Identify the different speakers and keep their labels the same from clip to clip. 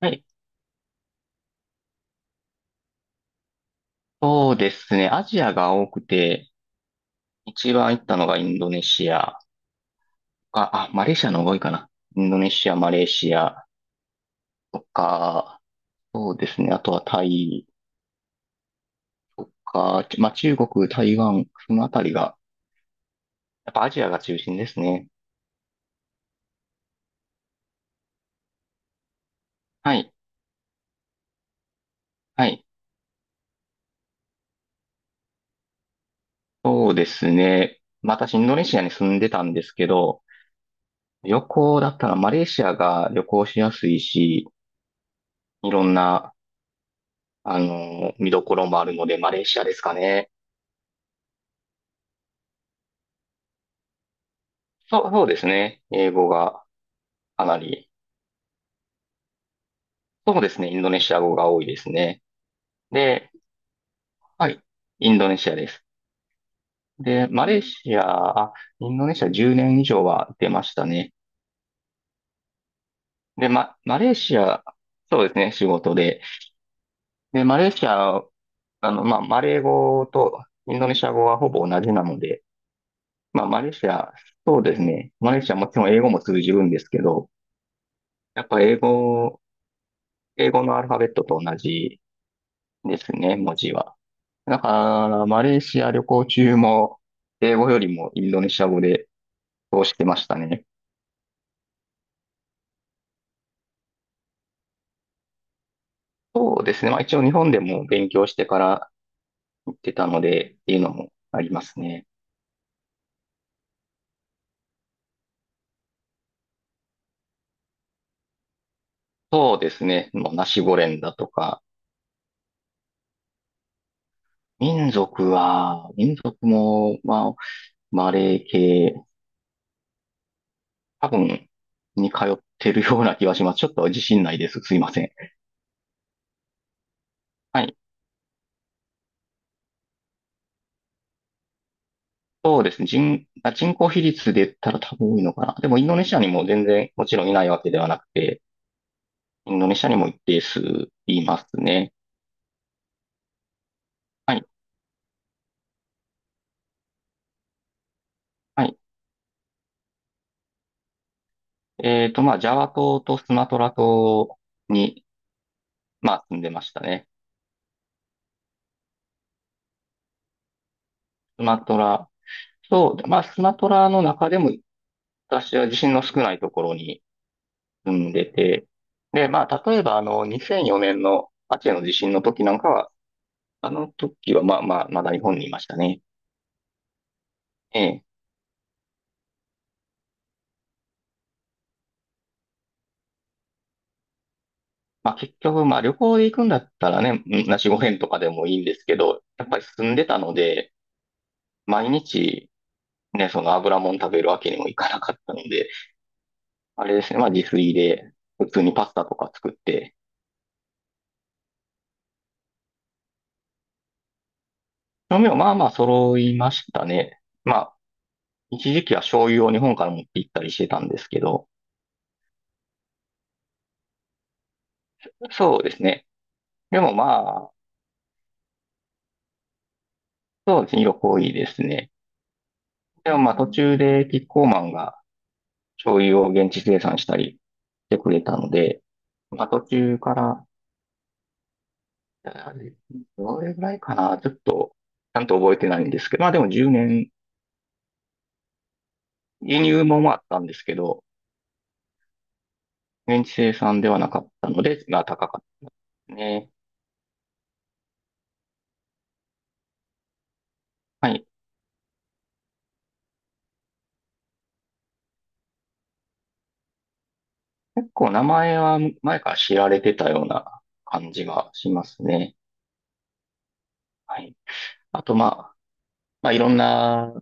Speaker 1: はい。そうですね。アジアが多くて、一番行ったのがインドネシアか、あ、マレーシアの方が多いかな。インドネシア、マレーシアとか、そうですね。あとはタイとか、まあ、中国、台湾、そのあたりが、やっぱアジアが中心ですね。はい。はい。そうですね。まあ私、インドネシアに住んでたんですけど、旅行だったらマレーシアが旅行しやすいし、いろんな、あの、見どころもあるので、マレーシアですかね。そう、そうですね。英語がかなり、そうですね。インドネシア語が多いですね。で、はい。インドネシアです。で、マレーシア、あ、インドネシア10年以上は出ましたね。で、ま、マレーシア、そうですね。仕事で。で、マレーシア、あの、まあ、マレー語とインドネシア語はほぼ同じなので、まあ、マレーシア、そうですね。マレーシアもちろん英語も通じるんですけど、やっぱ英語のアルファベットと同じですね、文字は。だから、マレーシア旅行中も、英語よりもインドネシア語で通してましたね。そうですね。まあ一応日本でも勉強してから行ってたので、っていうのもありますね。そうですね。もうナシゴレンだとか、民族も、まあ、マレー系、多分、に通ってるような気がします。ちょっと自信ないです。すいません。はい。そうですね。人口比率で言ったら多分多いのかな。でもインドネシアにも全然もちろんいないわけではなくて、インドネシアにも一定数いますね。はい。はい。まあ、ジャワ島とスマトラ島に、まあ、住んでましたね。スマトラ。そう。まあ、スマトラの中でも、私は地震の少ないところに住んでて、で、まあ、例えば、あの、2004年のアチェの地震の時なんかは、あの時は、まあまあ、まだ日本にいましたね。ええ。まあ、結局、まあ、旅行で行くんだったらね、なしご編とかでもいいんですけど、やっぱり住んでたので、毎日、ね、その油もん食べるわけにもいかなかったので、あれですね、まあ自炊で普通にパスタとか作って、調味料まあまあ揃いましたね。まあ、一時期は醤油を日本から持って行ったりしてたんですけど、そうですね。でもまあ、そうですね、色濃いですね。でもまあ途中でキッコーマンが醤油を現地生産したりしてくれたので、まあ途中から、あれどれぐらいかな、ちょっと、ちゃんと覚えてないんですけど、まあでも10年、輸入もあったんですけど、現地生産ではなかったので、まあ高かったね。はい。結構名前は前から知られてたような感じがしますね。はい。あとあ、まあいろんな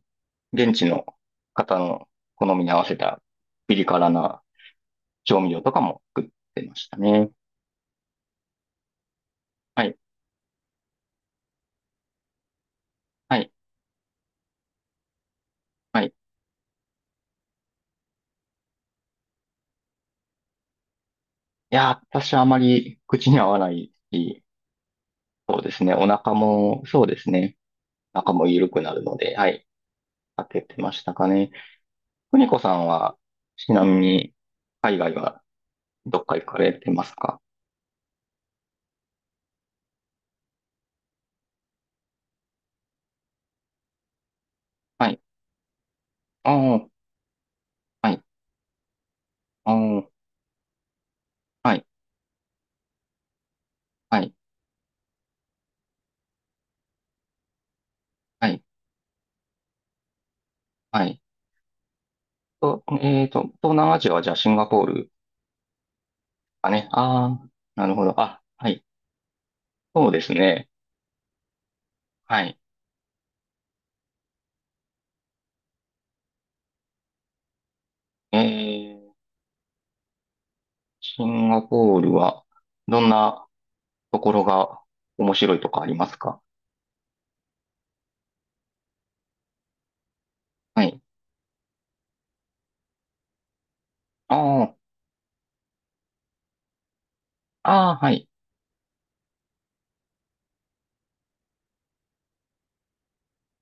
Speaker 1: 現地の方の好みに合わせたピリ辛な調味料とかも作ってましたね。はい。はい。はい。いやー、私はあまり口に合わないし、そうですね。お腹も、そうですね。お腹も緩くなるので、はい。開けてましたかね。邦子さんは、ちなみに、海外はどっか行かれてますか？はい。ああ、はい。ああ、はい。はい。はい。はい。と、えっと、東南アジアはじゃあシンガポールかね。ああ、なるほど。あ、はい。そうですね。はい。えー、シンガポールは、どんなところが面白いとかありますか？はい。ああ、ああ、はい。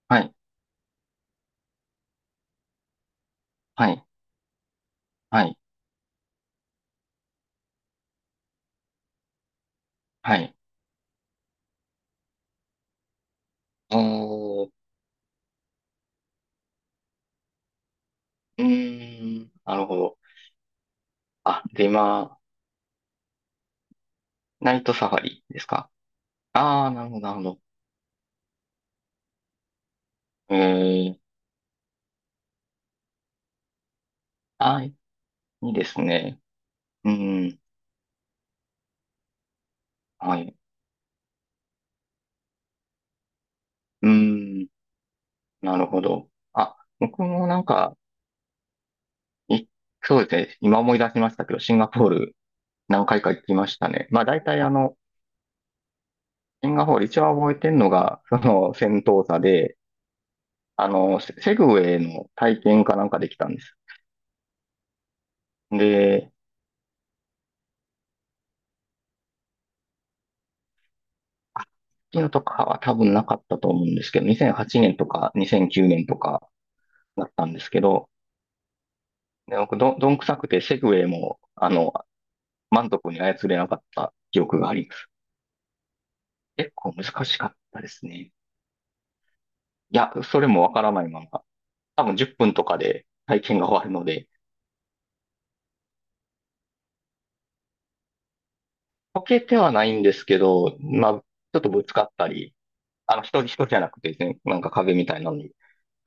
Speaker 1: はい。はい。はい。はい。おー、うーん、なるほど。あ、で、今、ナイトサファリですか？ああー、なるほど、なるほど。ええあいいですね。うん、はい。うん、なるほど。あ、僕もなんか、い、そうですね。今思い出しましたけど、シンガポール何回か行きましたね。まあ、大体あの、シンガポール一番覚えてるのが、その、戦闘車で、あの、セグウェイの体験かなんかできたんです。で、あ、のとかは多分なかったと思うんですけど、2008年とか2009年とか、だったんですけど、で僕どんくさくてセグウェイも、あの、満足に操れなかった記憶があります。結構難しかったですね。いや、それもわからないまま、多分10分とかで体験が終わるので、溶けてはないんですけど、まあ、ちょっとぶつかったり、あの、人じゃなくてですね、なんか壁みたいなのに、ち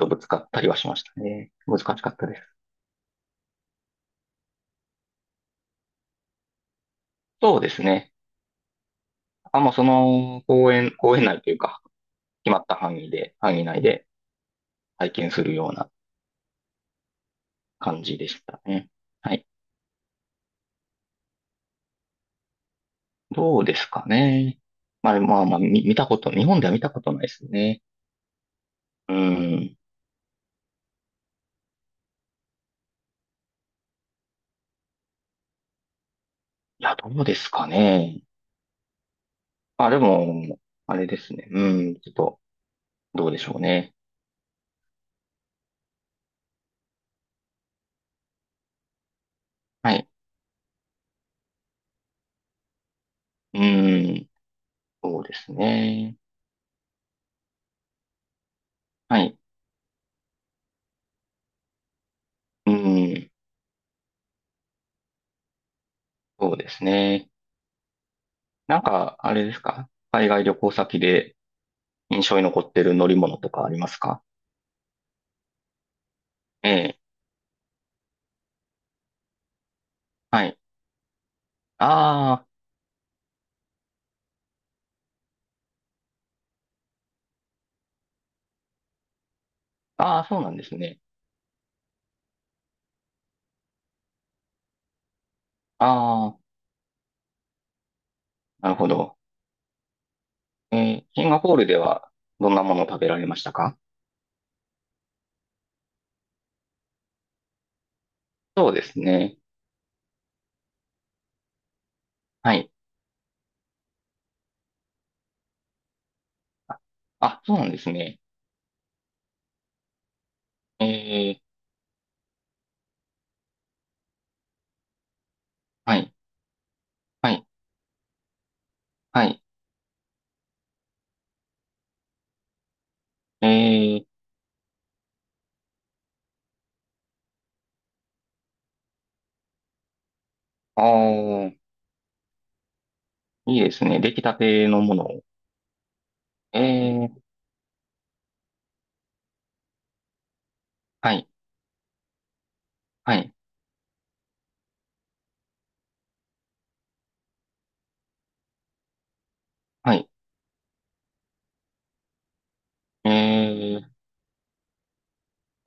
Speaker 1: ょっとぶつかったりはしましたね。難しかったです。そうですね。あ、もうその公園内というか、決まった範囲内で体験するような感じでしたね。はい。どうですかね。まあまあまあ、み見たこと、日本では見たことないですね。うん。いや、どうですかね。まあ、でも、あれですね。うん。ちょっと、どうでしょうね。はい。うん。そうですね。はい。うん。そうですね。なんか、あれですか？海外旅行先で印象に残ってる乗り物とかありますか？ええ。はい。ああ、ああ、そうなんですね。ああ、なるほど。シンガポールではどんなものを食べられましたか？そうですね。はい。あ、あそうなんですね。えー、はい、はい、はい。えー、あー、いいですね。出来たてのものを。えー、はい、はい、はい。えー、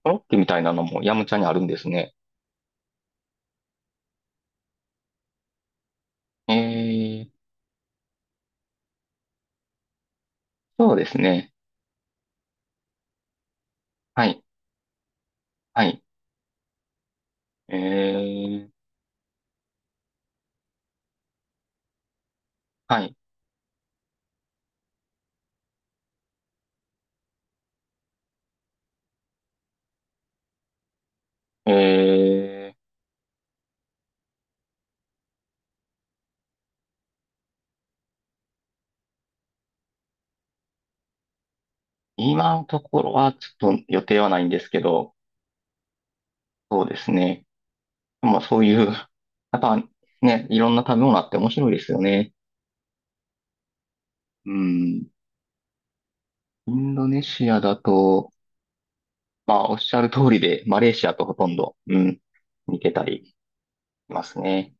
Speaker 1: コロッケみたいなのもヤムチャにあるんですね。えー、そうですね。はい、はい。えー、はい。えー、今のところはちょっと予定はないんですけど、そうですね。まあそういう、やっぱね、いろんな食べ物あって面白いですよね。うん。インドネシアだと、まあおっしゃる通りで、マレーシアとほとんど、うん、似てたりしますね。